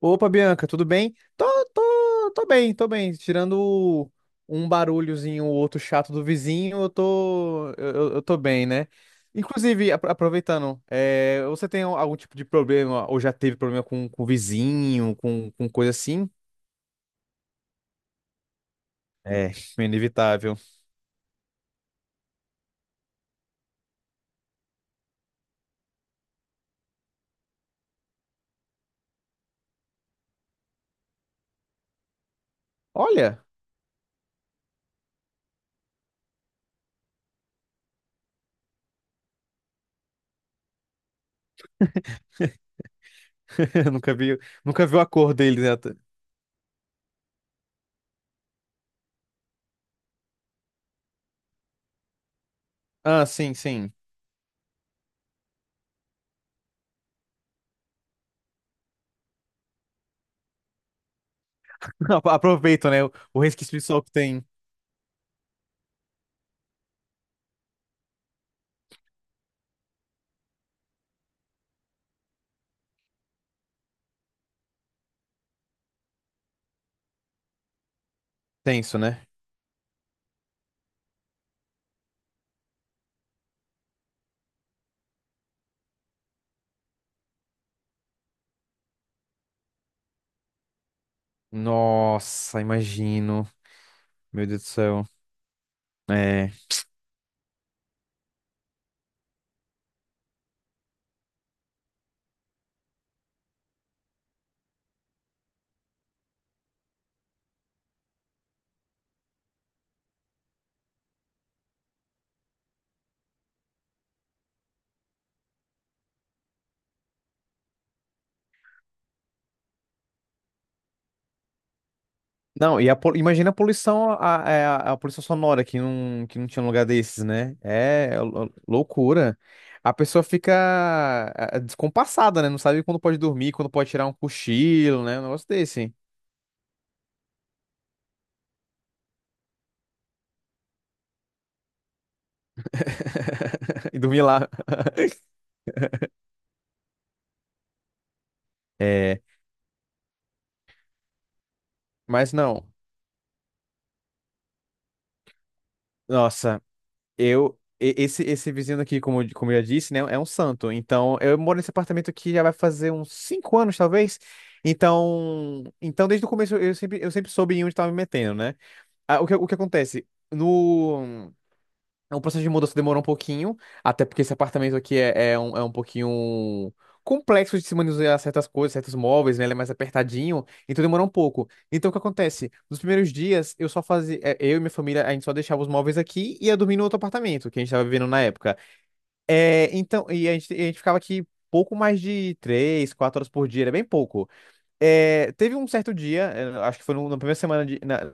Opa, Bianca, tudo bem? Tô bem, tô bem. Tirando um barulhozinho, o outro chato do vizinho, eu tô bem, né? Inclusive, aproveitando, você tem algum tipo de problema, ou já teve problema com vizinho, com coisa assim? É, inevitável. Olha, eu nunca vi, nunca vi a cor deles, né? Ah, sim, sim. Aproveito, né? O resquício de sol que tem. Tenso, né? Nossa, imagino. Meu Deus do céu. É. Não, e imagina a poluição, a poluição sonora que não tinha um lugar desses, né? É loucura. A pessoa fica descompassada, né? Não sabe quando pode dormir, quando pode tirar um cochilo, né? Um negócio desse. E dormir lá. É, mas não. Nossa, Esse vizinho aqui, como eu já disse, né? É um santo. Então, eu moro nesse apartamento aqui já vai fazer uns 5 anos, talvez. Então desde o começo eu sempre soube em onde estava me metendo, né? Ah, o que acontece? No. O processo de mudança demorou um pouquinho, até porque esse apartamento aqui é um pouquinho complexo de se manusear certas coisas, certos móveis, né? Ele é mais apertadinho, então demorou um pouco. Então o que acontece? Nos primeiros dias, eu só fazia. Eu e minha família, a gente só deixava os móveis aqui e ia dormir no outro apartamento que a gente tava vivendo na época. É, a gente ficava aqui. Pouco mais de 3, 4 horas por dia, era bem pouco. É, teve um certo dia, acho que foi na primeira semana de, na,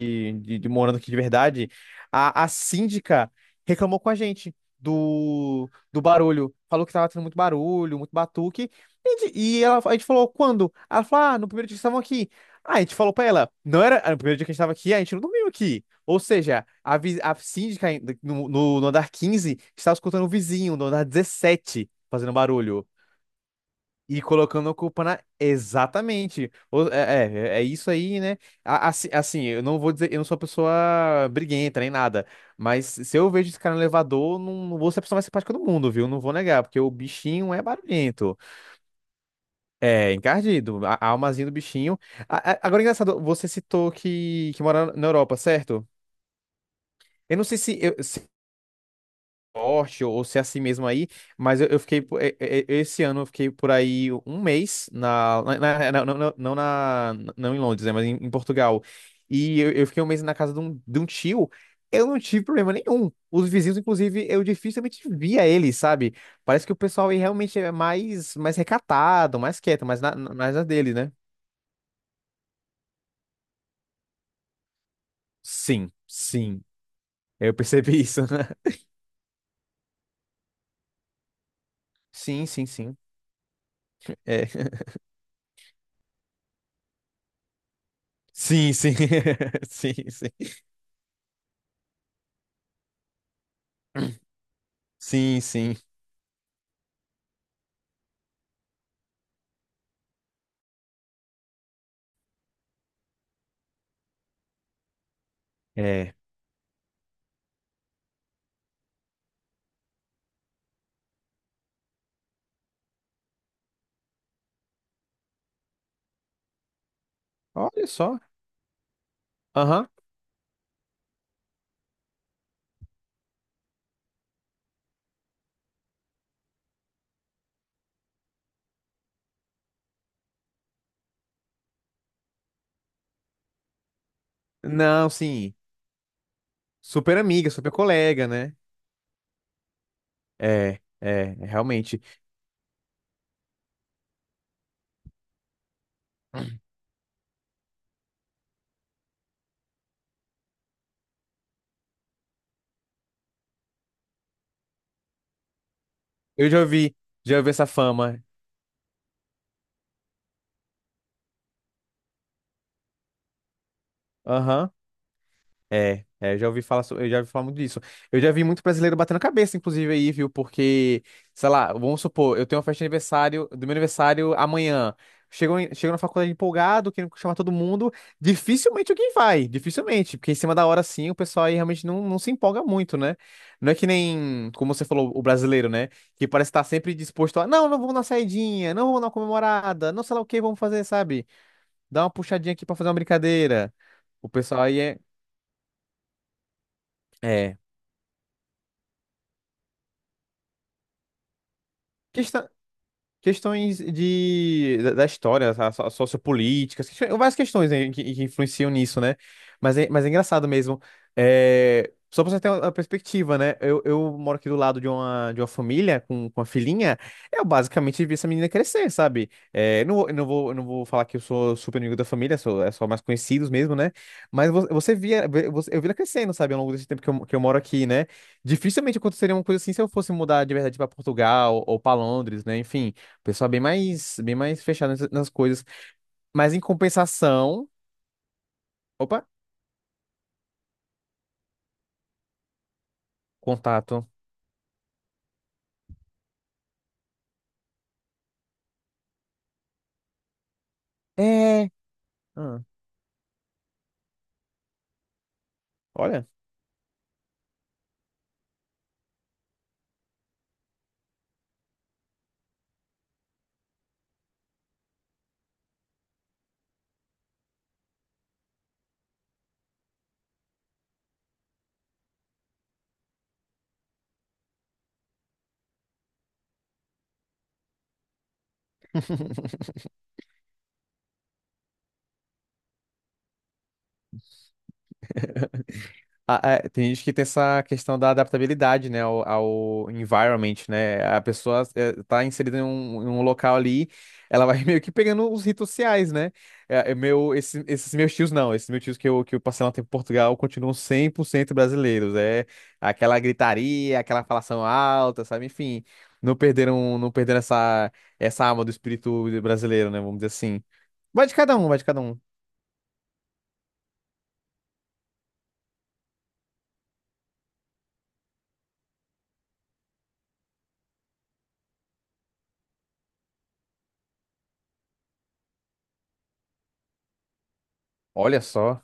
de, de, de morando aqui de verdade, a síndica reclamou com a gente do barulho. Falou que tava tendo muito barulho, muito batuque. E ela, a gente falou, quando? Ela falou, no primeiro dia que estavam aqui. Ah, a gente falou pra ela, não era, no primeiro dia que a gente tava aqui, a gente não dormiu aqui. Ou seja, a síndica no andar 15 estava escutando o vizinho no andar 17 fazendo barulho. E colocando a culpa na. Exatamente. É, É, é, isso aí, né? Assim, eu não vou dizer, eu não sou uma pessoa briguenta nem nada. Mas se eu vejo esse cara no elevador, não, não vou ser a pessoa mais simpática do mundo, viu? Não vou negar, porque o bichinho é barulhento. É, encardido. A almazinha do bichinho. Agora, é engraçado, você citou que mora na Europa, certo? Eu não sei se eu, forte ou ser assim mesmo aí, mas eu fiquei, esse ano eu fiquei por aí um mês, não em Londres, né, mas em Portugal, e eu fiquei um mês na casa de um tio, eu não tive problema nenhum, os vizinhos, inclusive, eu dificilmente via eles, sabe, parece que o pessoal aí realmente é mais, mais recatado, mais quieto, mais na dele, né? Sim, sim, eu percebi isso, Sim, sim, sim. É. Sim, sim. Sim, sim. Sim, sim. É. Olha só. Aham. Não, sim. Super amiga, super colega, né? É, é, realmente. Eu já ouvi essa fama. Aham. Eu já ouvi falar muito disso. Eu já vi muito brasileiro batendo cabeça, inclusive, aí, viu? Porque, sei lá, vamos supor, eu tenho uma festa de aniversário, do meu aniversário amanhã. Chego na faculdade empolgado, querendo chamar todo mundo. Dificilmente alguém vai, dificilmente. Porque em cima da hora, sim, o pessoal aí realmente não se empolga muito, né? Não é que nem, como você falou, o brasileiro, né? Que parece estar sempre disposto a, não vamos na saidinha, não vamos na comemorada, não sei lá o que vamos fazer, sabe? Dá uma puxadinha aqui pra fazer uma brincadeira. O pessoal aí é. É. Questão- Questões de, da da história, tá? Sociopolíticas, várias questões né, que influenciam nisso, né? Mas é engraçado mesmo. É, só pra você ter uma perspectiva, né? Eu moro aqui do lado de uma, família com uma filhinha. Eu basicamente vi essa menina crescer, sabe? É, não, não vou falar que eu sou super amigo da família, sou, é só mais conhecidos mesmo, né? Mas vo- você via, vê- você- eu vi ela crescendo, sabe? Ao longo desse tempo que eu moro aqui, né? Dificilmente aconteceria uma coisa assim se eu fosse mudar de verdade pra Portugal ou pra Londres, né? Enfim. Pessoal bem mais fechado nessas nas coisas. Mas em compensação. Opa, contato. É. Ah, olha. Tem gente que tem essa questão da adaptabilidade, né, ao environment, né? A pessoa tá inserida em um, local ali, ela vai meio que pegando os ritos sociais, né? É meu, esses meus tios não, esses meus tios que eu passei lá um tempo em Portugal continuam 100% brasileiros. É aquela gritaria, aquela falação alta, sabe? Enfim, não perderam essa, alma do espírito brasileiro, né? Vamos dizer assim. Vai de cada um, vai de cada um. Olha só.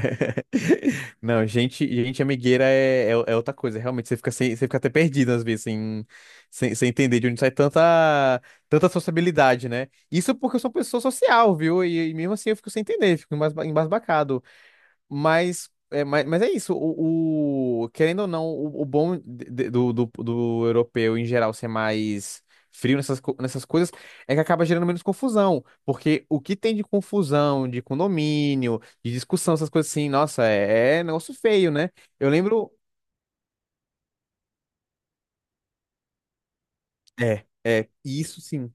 Não, gente, gente amigueira é outra coisa. Realmente, você fica, sem, você fica até perdido às vezes, sem entender de onde sai tanta, tanta sociabilidade, né? Isso porque eu sou uma pessoa social, viu? E mesmo assim eu fico sem entender, fico embasbacado. Mas é isso. Querendo ou não, o bom do europeu em geral ser mais frio nessas coisas é que acaba gerando menos confusão. Porque o que tem de confusão, de condomínio, de discussão, essas coisas assim, nossa, é negócio feio, né? Eu lembro. É, isso sim.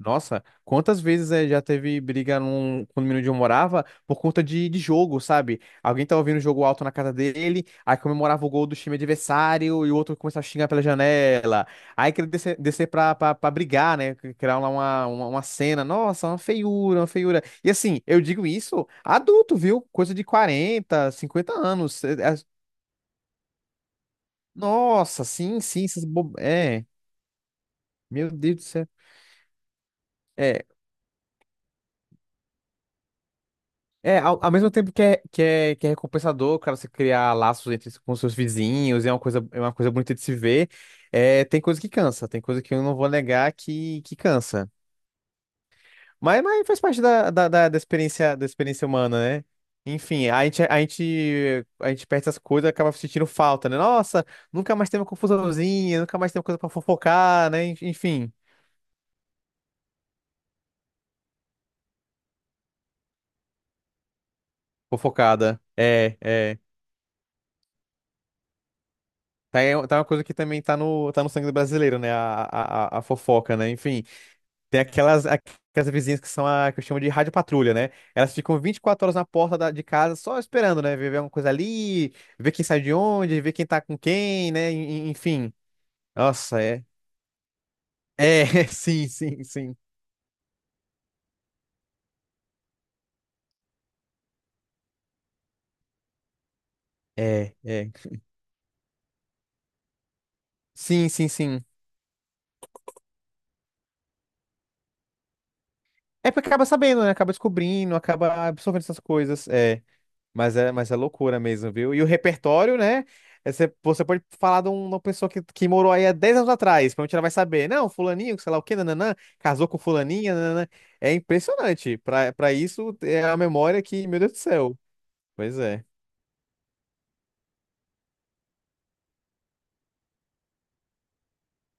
Nossa, quantas vezes já teve briga num condomínio onde eu morava por conta de jogo, sabe? Alguém tava ouvindo o jogo alto na casa dele, aí comemorava o gol do time adversário e o outro começava a xingar pela janela. Aí queria descer, pra brigar, né? Criar lá uma cena. Nossa, uma feiura, uma feiura. E assim, eu digo isso adulto, viu? Coisa de 40, 50 anos. Nossa, sim, sim, essas bo... É, meu Deus do céu. É, ao mesmo tempo que é recompensador, cara, você criar laços com seus vizinhos, é uma coisa bonita de se ver, é, tem coisa que cansa, tem coisa que eu não vou negar que cansa. Mas faz parte da experiência, da experiência humana, né? Enfim, a gente perde essas coisas e acaba sentindo falta, né? Nossa, nunca mais tem uma confusãozinha, nunca mais tem uma coisa pra fofocar, né? Enfim, fofocada. É. Tá uma coisa que também tá no sangue do brasileiro, né? A fofoca, né? Enfim. Tem aquelas vizinhas que são a que eu chamo de rádio patrulha, né? Elas ficam 24 horas na porta de casa só esperando, né? Ver alguma coisa ali, ver quem sai de onde, ver quem tá com quem, né? Enfim. Nossa, é. É, sim, sim, sim. É. Sim, sim, sim. É porque acaba sabendo, né? Acaba descobrindo, acaba absorvendo essas coisas. É. Mas é loucura mesmo, viu? E o repertório, né? Você pode falar de uma pessoa que morou aí há 10 anos atrás, provavelmente ela vai saber. Não, fulaninho, sei lá o quê, nananã, casou com fulaninha, nananã. É impressionante. Pra isso, é a memória que, meu Deus do céu. Pois é.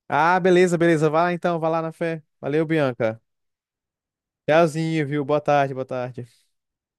Ah, beleza, beleza. Vai lá então, vai lá na fé. Valeu, Bianca. Tchauzinho, viu? Boa tarde, boa tarde.